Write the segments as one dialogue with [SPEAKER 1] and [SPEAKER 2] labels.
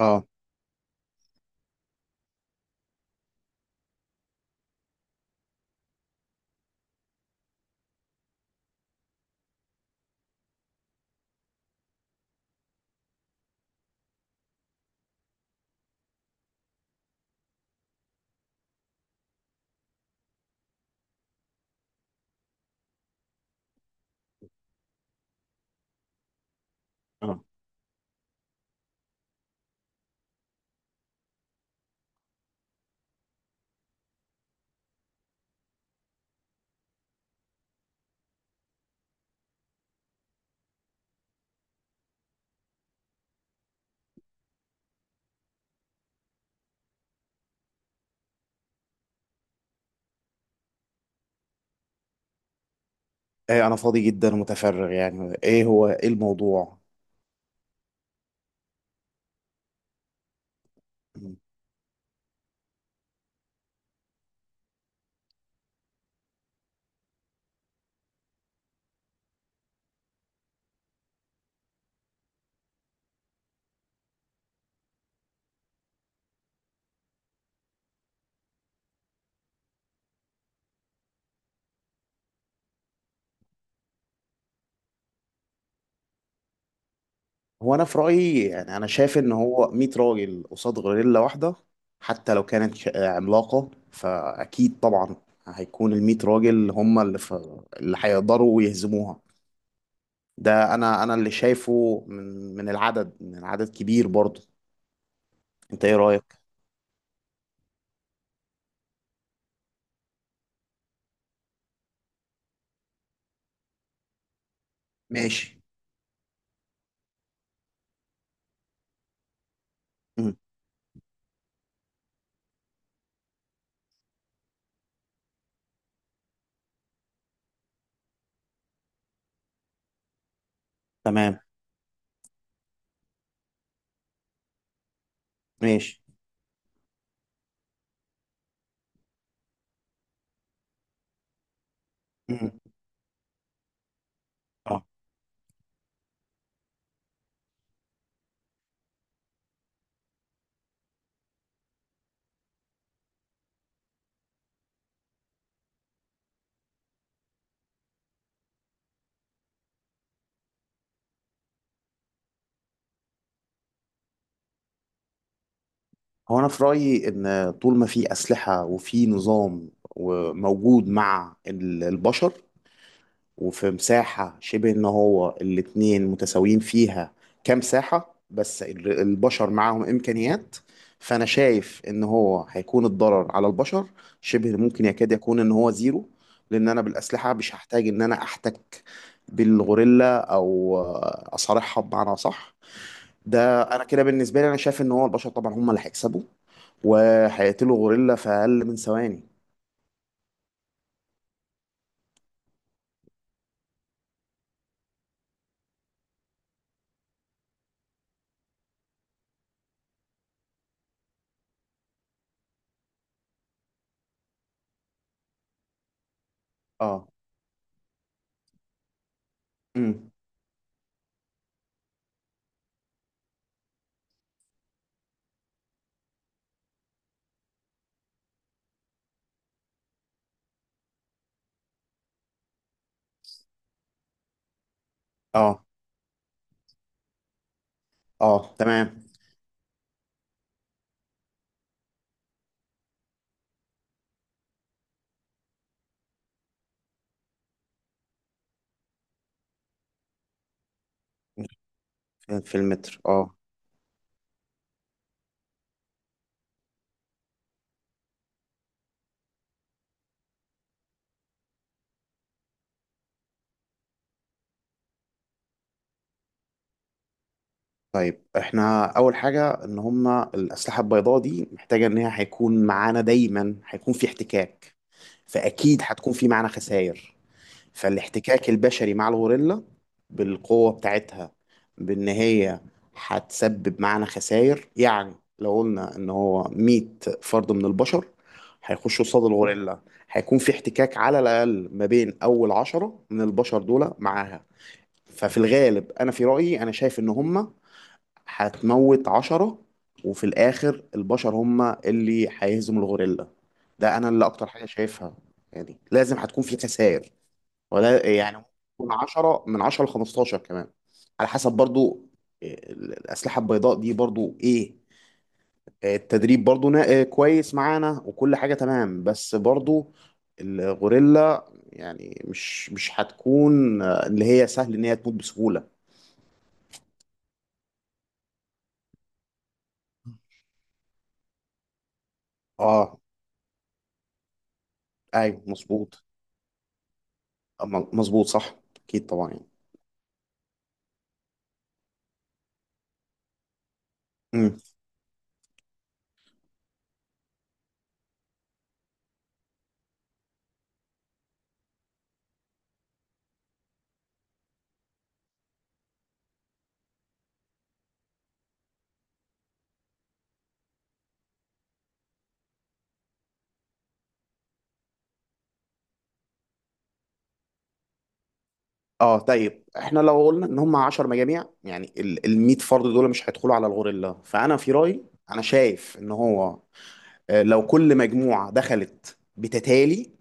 [SPEAKER 1] اه، اه، ايه انا فاضي جدا ومتفرغ، يعني ايه هو ايه الموضوع؟ مم. هو انا في رايي، يعني انا شايف ان هو 100 راجل قصاد غوريلا واحده، حتى لو كانت عملاقه، فاكيد طبعا هيكون ال 100 راجل هم اللي هيقدروا يهزموها. ده انا اللي شايفه من العدد، من عدد كبير برضه. انت ايه رايك؟ ماشي. مم. تمام. ماشي. مم. هو انا في رايي ان طول ما في اسلحه وفي نظام وموجود مع البشر، وفي مساحه شبه ان هو الاتنين متساويين فيها كمساحه، بس البشر معاهم امكانيات. فانا شايف ان هو هيكون الضرر على البشر شبه ممكن يكاد يكون ان هو زيرو، لان انا بالاسلحه مش هحتاج ان انا احتك بالغوريلا او اصارعها بمعنى. صح. ده انا كده بالنسبه لي انا شايف ان هو البشر طبعا هم اللي هيكسبوا وهيقتلوا غوريلا في أقل من ثواني. اه. امم. اه، اه، تمام. في المتر، اه. طيب احنا أول حاجة إن هما الأسلحة البيضاء دي محتاجة إن هي هيكون معانا دايما، هيكون في احتكاك. فأكيد هتكون في معانا خسائر. فالاحتكاك البشري مع الغوريلا بالقوة بتاعتها، بإن هي هتسبب معانا خسائر. يعني لو قلنا إن هو 100 فرد من البشر هيخشوا قصاد الغوريلا، هيكون في احتكاك على الأقل ما بين أول عشرة من البشر دول معاها. ففي الغالب أنا في رأيي أنا شايف إن هما هتموت عشرة، وفي الآخر البشر هما اللي هيهزموا الغوريلا. ده أنا اللي أكتر حاجة شايفها. يعني لازم هتكون في خسائر، ولا يعني من 10 ل 15 كمان، على حسب برضو الأسلحة البيضاء دي، برضو إيه إيه، التدريب برضو نا- إيه، كويس معانا وكل حاجة تمام. بس برضو الغوريلا يعني مش هتكون اللي هي سهل إن هي تموت بسهولة. اه. ايوه، مظبوط. أما- مظبوط، صح. اكيد طبعا، يعني. امم. اه. طيب احنا لو قلنا ان هم 10 مجاميع، يعني ال 100 فرد دول مش هيدخلوا على الغوريلا، فانا في رايي انا شايف ان هو لو كل مجموعة دخلت بتتالي،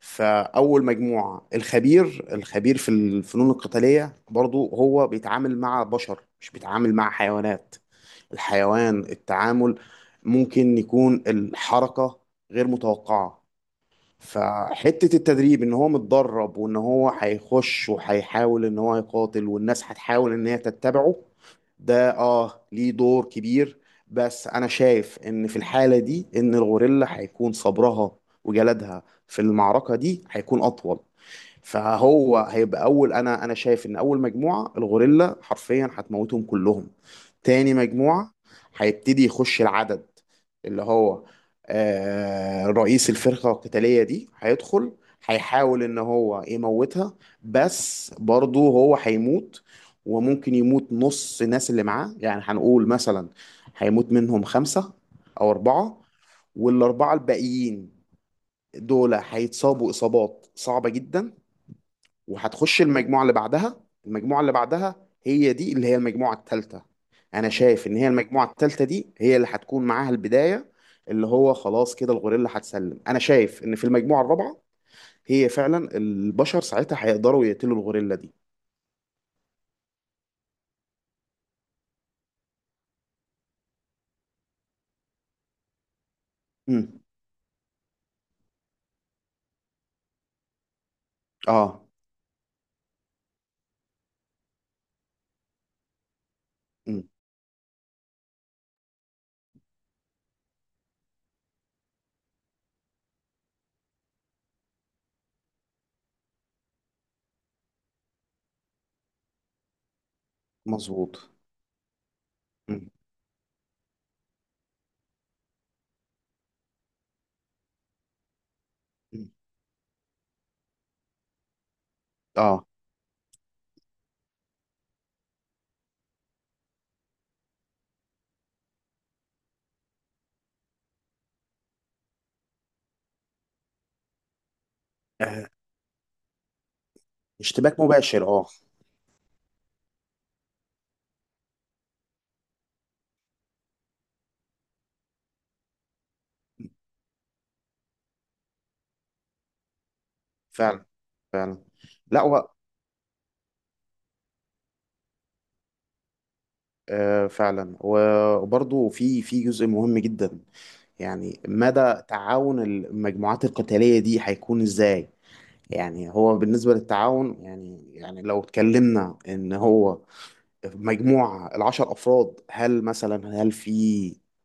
[SPEAKER 1] فأول مجموعة الخبير، الخبير في الفنون القتالية، برضو هو بيتعامل مع بشر، مش بيتعامل مع حيوانات. الحيوان التعامل ممكن يكون الحركة غير متوقعة. فحتة التدريب ان هو متدرب وان هو هيخش وهيحاول ان هو يقاتل والناس هتحاول ان هي تتبعه، ده ليه دور كبير. بس انا شايف ان في الحالة دي ان الغوريلا هيكون صبرها وجلدها في المعركة دي هيكون اطول. فهو هيبقى انا شايف ان اول مجموعه الغوريلا حرفيا هتموتهم كلهم. تاني مجموعه هيبتدي يخش العدد، اللي هو رئيس الفرقه القتاليه دي هيدخل، هيحاول ان هو يموتها، بس برضه هو هيموت. وممكن يموت نص الناس اللي معاه، يعني هنقول مثلا هيموت منهم خمسة أو أربعة، والأربعة الباقيين دول هيتصابوا إصابات صعبة جدا. وهتخش المجموعة اللي بعدها، المجموعة اللي بعدها هي دي اللي هي المجموعة الثالثة. أنا شايف إن هي المجموعة الثالثة دي هي اللي هتكون معاها البداية، اللي هو خلاص كده الغوريلا هتسلم. أنا شايف إن في المجموعة الرابعة هي فعلا البشر ساعتها هيقدروا يقتلوا الغوريلا دي. امم. اه. امم. مظبوط. امم. أمم. اه. آه، اشتباك مباشر، اه. فعلا. لا فعلا. و- وبرضه في جزء مهم جدا، يعني مدى تعاون المجموعات القتالية دي هيكون ازاي؟ يعني هو بالنسبة للتعاون، يعني لو اتكلمنا ان هو مجموعة العشر افراد، هل مثلا، هل في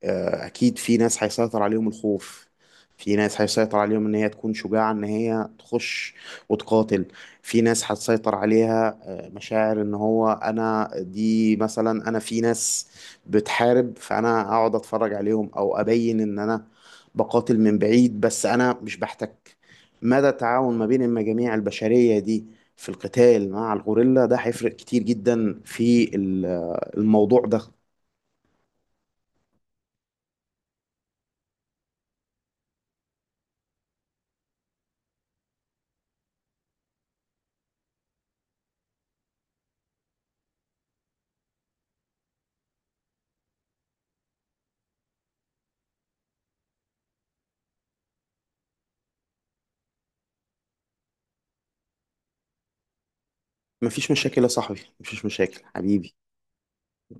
[SPEAKER 1] اكيد في ناس هيسيطر عليهم الخوف، في ناس هيسيطر عليهم ان هي تكون شجاعة ان هي تخش وتقاتل، في ناس هتسيطر عليها مشاعر ان هو انا دي مثلا انا في ناس بتحارب فانا اقعد اتفرج عليهم، او ابين ان انا بقاتل من بعيد بس انا مش بحتك. مدى التعاون ما بين المجاميع البشرية دي في القتال مع الغوريلا ده هيفرق كتير جدا في الموضوع ده. مفيش مشاكل يا صاحبي، مفيش مشاكل حبيبي.